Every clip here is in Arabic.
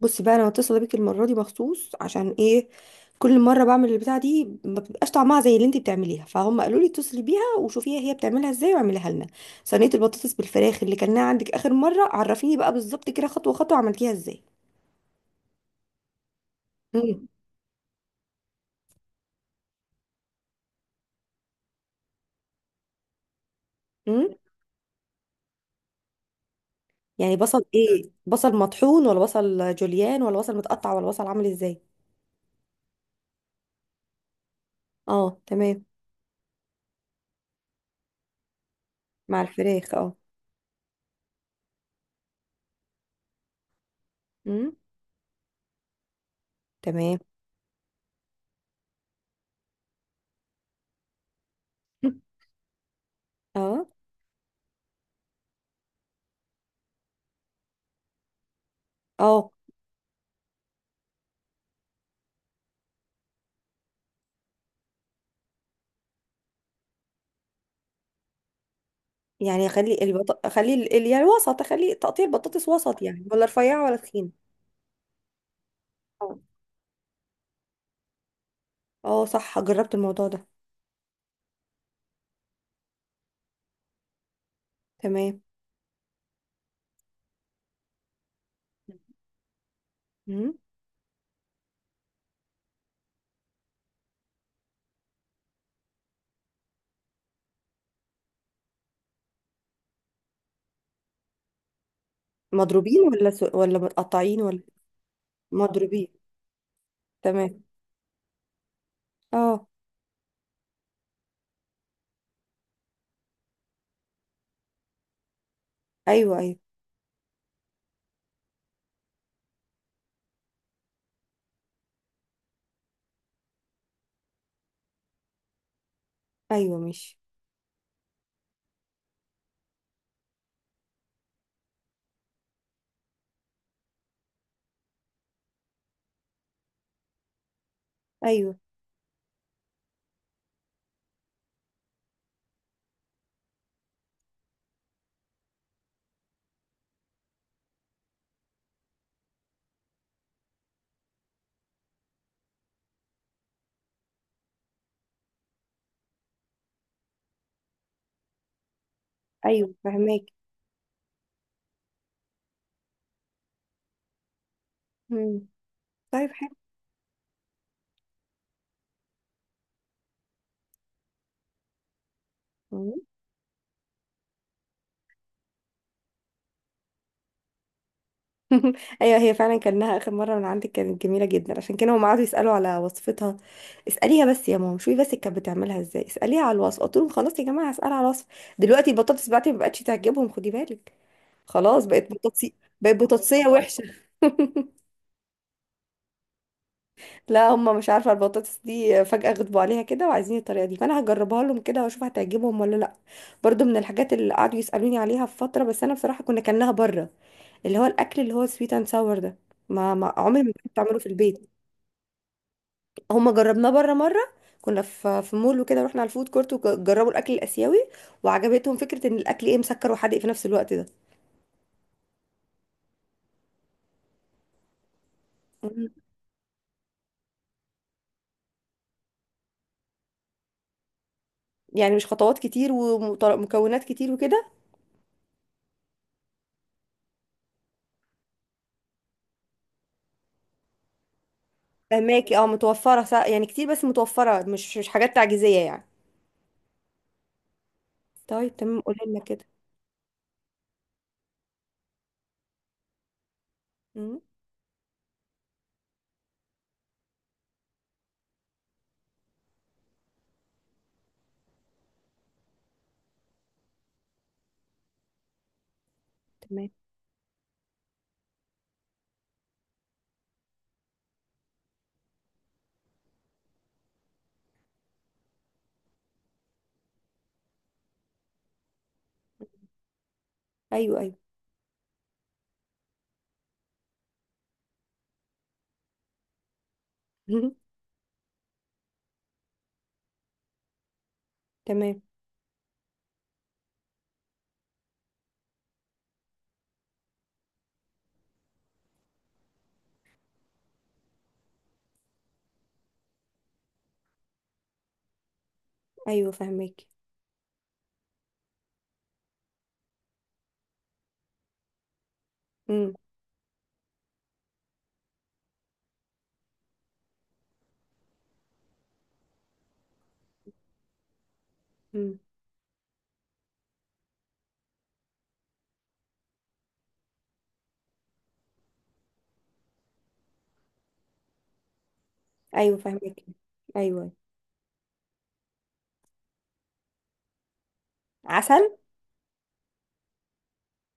بصي بقى، انا متصله بيك المره دي مخصوص عشان ايه. كل مره بعمل البتاعه دي ما بتبقاش طعمها زي اللي انت بتعمليها، فهم قالوا لي اتصلي بيها وشوفيها هي بتعملها ازاي واعمليها لنا صينيه البطاطس بالفراخ اللي كلناها عندك اخر مره. عرفيني بقى بالظبط كده خطوه خطوه عملتيها ازاي. امم امم يعني بصل ايه؟ بصل مطحون ولا بصل جوليان ولا بصل متقطع ولا بصل عامل ازاي؟ اه تمام. مع الفراخ اه. امم. تمام. اه اه. يعني خلي البط... خلي ال... ال- يعني الوسط، خلي تقطيع البطاطس وسط يعني، ولا رفيعة ولا تخينة؟ اه. اه صح، جربت الموضوع ده. تمام. مم. مضروبين ولا ولا متقطعين ولا؟ مضروبين. تمام. اه. ايوه، ايوه، ايوه. ماشي. ايوه. ايوه فهماك. مم. طيب. حلو. ايوه، هي فعلا كانها اخر مره من عندك كانت جميله جدا، عشان كده هم قعدوا يسالوا على وصفتها. اساليها بس يا ماما، شوفي بس كانت بتعملها ازاي، اساليها على الوصف. قلت لهم خلاص يا جماعه، هسال على الوصف. دلوقتي البطاطس بتاعتي ما بقتش تعجبهم، خدي بالك. خلاص بقت بطاطسي. بقت بطاطسيه وحشه. لا، هم مش عارفه، البطاطس دي فجاه غضبوا عليها كده وعايزين الطريقه دي، فانا هجربها لهم كده واشوف هتعجبهم ولا لا. برضو من الحاجات اللي قعدوا يسالوني عليها في فتره، بس انا بصراحه كنا كانها بره، اللي هو الاكل اللي هو سويت اند ساور ده. ما عمري ما كنت بعمله في البيت. هما جربناه بره مره، كنا في مول وكده، رحنا على الفود كورت وجربوا الاكل الاسيوي، وعجبتهم فكره ان الاكل ايه، مسكر وحادق في نفس الوقت ده. مم. يعني مش خطوات كتير ومكونات كتير وكده؟ فهماكي، اه متوفره يعني كتير، بس متوفره، مش مش حاجات تعجيزيه يعني. طيب تمام، قولي لنا كده. مم، تمام. ايوه ايوه. مم، تمام. ايوه فهماكي. مم، مم، ايوه فهماكي. ايوه أيوه. عسل.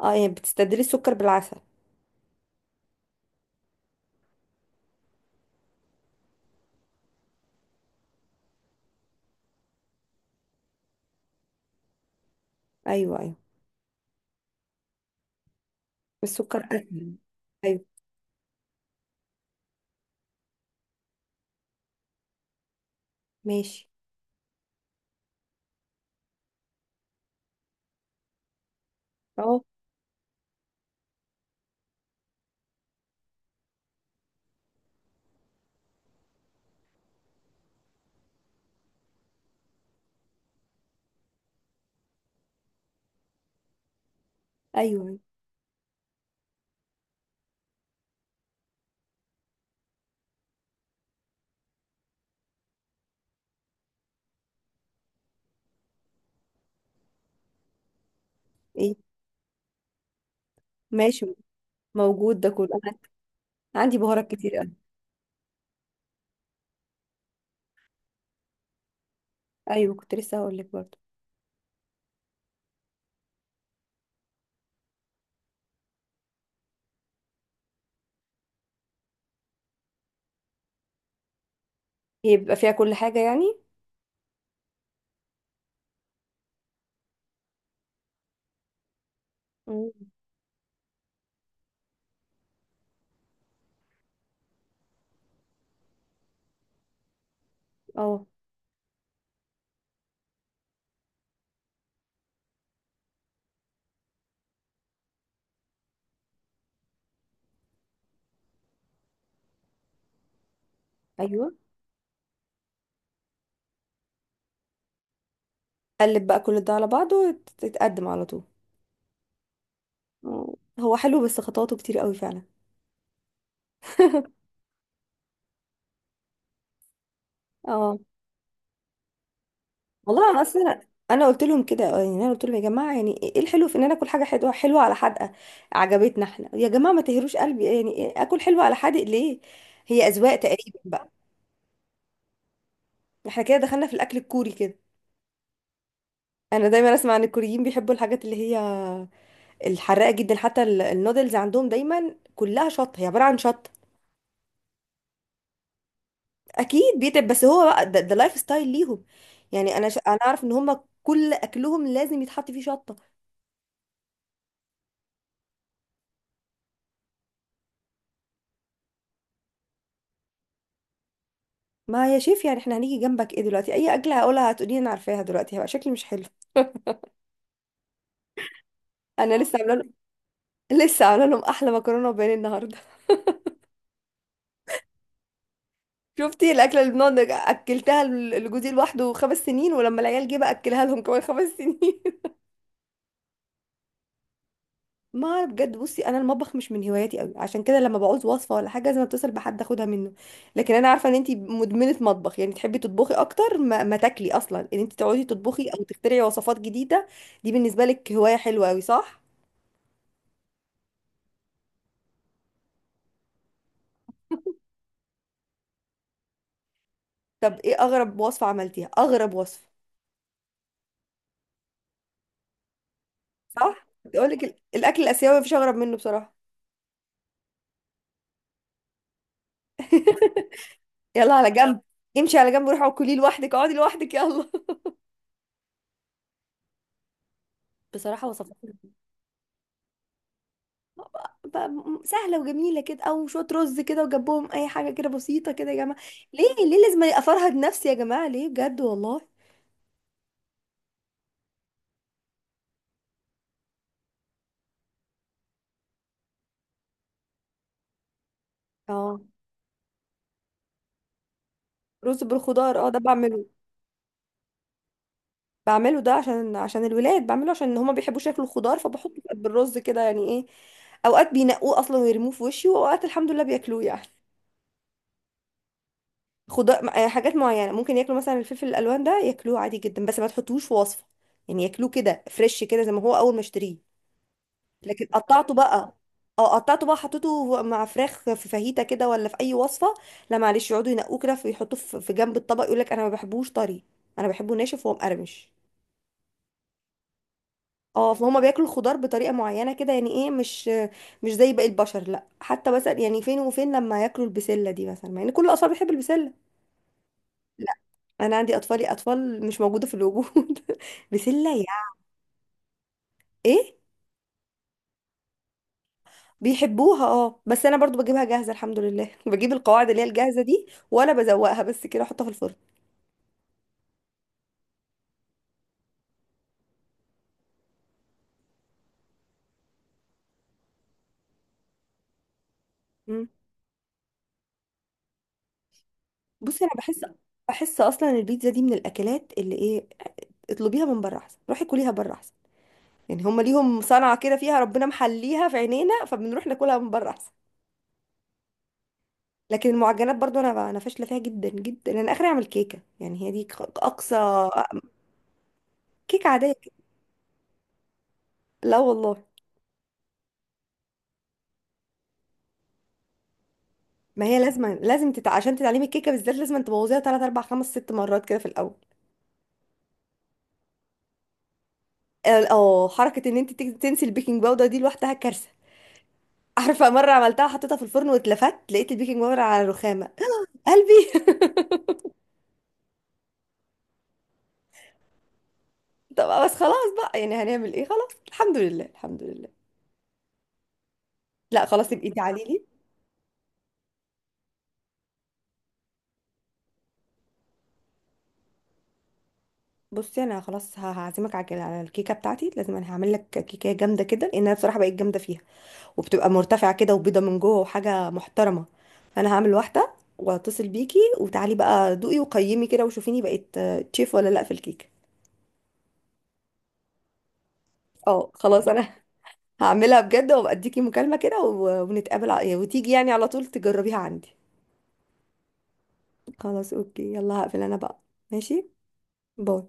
اه، يعني بتستبدلي السكر بالعسل؟ ايوه ايوه. السكر لا، اسهل. ايوه. ماشي. اه. ايوه أيوة. ايه؟ ماشي. موجود ده كله. انا عندي بهارات كتير قوي. ايوه، كنت لسه هقول لك برضه. هي بيبقى فيها كل حاجه يعني؟ مم. اه. ايوه. قلب بقى كل ده على بعضه تتقدم على طول. مم. هو حلو، بس خطواته كتير قوي فعلا. اه. والله انا اصلا، انا قلت لهم كده، يعني انا قلت لهم يا جماعه، يعني ايه إيه الحلو في ان انا اكل حاجه حلوه حلوه على حدقه؟ عجبتنا احنا يا جماعه، ما تهروش قلبي، يعني إيه اكل حلوه على حادق ليه؟ هي اذواق تقريبا بقى. احنا كده دخلنا في الاكل الكوري كده. انا دايما اسمع ان الكوريين بيحبوا الحاجات اللي هي الحراقه جدا، حتى النودلز عندهم دايما كلها شطه، هي عباره عن شطه. اكيد بيتعب، بس هو بقى ده لايف ستايل ليهم. يعني انا انا اعرف ان هم كل اكلهم لازم يتحط فيه شطه. ما يا شيف، يعني احنا هنيجي جنبك ايه دلوقتي، اي اكله هقولها هتقولي لي انا عارفاها، دلوقتي هيبقى شكلي مش حلو. انا لسه عامله لهم، لسه عامله لهم احلى مكرونه وبانيه النهارده. شفتي الاكله اللي اكلتها لجوزي لوحده خمس سنين، ولما العيال جه بقى اكلها لهم كمان خمس سنين. ما أعرف بجد. بصي انا المطبخ مش من هواياتي قوي، عشان كده لما بعوز وصفه ولا حاجه لازم اتصل بحد اخدها منه. لكن انا عارفه ان انتي مدمنه مطبخ، يعني تحبي تطبخي اكتر ما تاكلي اصلا، ان انتي تقعدي تطبخي او تخترعي وصفات جديده. دي بالنسبه لك هوايه حلوه قوي، صح؟ طب ايه اغرب وصفة عملتيها؟ اغرب وصفة. صح. تقول لك الاكل الاسيوي مفيش اغرب منه بصراحة. يلا على جنب. امشي على جنب، روحي وكلي لوحدك، اقعدي لوحدك، يلا. بصراحة. وصفات بقى سهلة وجميلة كده، او شوية رز كده وجنبهم اي حاجة كده بسيطة كده يا جماعة. ليه ليه لازم افرهد نفسي يا جماعة، ليه بجد والله. اه. رز بالخضار، اه ده بعمله. بعمله ده عشان عشان الولاد، بعمله عشان هما بيحبوش ياكلوا خضار، فبحطه بالرز كده، يعني ايه. اوقات بينقوه اصلا ويرموه في وشي، واوقات الحمد لله بياكلوه يعني. خضار حاجات معينه ممكن ياكلوا، مثلا الفلفل الالوان ده ياكلوه عادي جدا، بس ما تحطوش في وصفه. يعني ياكلوه كده فريش كده، زي ما هو، اول ما اشتريه. لكن قطعته بقى، اه قطعته بقى حطيته مع فراخ في فاهيتا كده ولا في اي وصفه، لا، معلش يقعدوا ينقوه كده ويحطوه في جنب الطبق، يقول لك انا ما بحبوش طري، انا بحبه ناشف وهو مقرمش. اه فهم بياكلوا الخضار بطريقه معينه كده، يعني ايه، مش مش زي باقي البشر. لا، حتى مثلا يعني فين وفين لما ياكلوا البسله دي مثلا، مع ان كل الاطفال بتحب البسله. انا عندي اطفالي اطفال مش موجوده في الوجود. بسله يعني ايه. بيحبوها اه، بس انا برضو بجيبها جاهزه الحمد لله، بجيب القواعد اللي هي الجاهزه دي ولا بزوقها بس كده، احطها في الفرن. مم. بصي انا بحس، بحس اصلا البيتزا دي من الاكلات اللي ايه، اطلبيها من بره احسن، روحي كليها بره احسن. يعني هم ليهم صنعه كده فيها ربنا محليها في عينينا، فبنروح ناكلها من بره احسن. لكن المعجنات برضو انا انا فاشله فيها جدا جدا. انا اخري اعمل كيكه، يعني هي دي اقصى. كيكه عاديه. لا والله. ما هي لازم لازم عشان تتعلمي الكيكه بالذات لازم تبوظيها 3 4 5 6 مرات كده في الاول. اه حركه ان انت تنسي البيكنج باودر دي لوحدها كارثه. عارفه مره عملتها حطيتها في الفرن، واتلفت لقيت البيكنج باودر على الرخامه. قلبي. طب بس خلاص بقى، يعني هنعمل ايه، خلاص الحمد لله الحمد لله. لا خلاص، يبقى انت علي لي. بصي انا خلاص هعزمك على على الكيكه بتاعتي، لازم انا هعمل لك كيكه جامده كده، لان انا بصراحه بقيت جامده فيها، وبتبقى مرتفعة كده وبيضة من جوه وحاجة محترمة. فأنا هعمل واحدة واتصل بيكي وتعالي بقى دوقي وقيمي كده وشوفيني بقيت تشيف ولا لأ في الكيكة. اه خلاص انا هعملها بجد وابقى اديكي مكالمة كده ونتقابل وتيجي يعني على طول تجربيها عندي. خلاص اوكي، يلا هقفل انا بقى. ماشي. باي.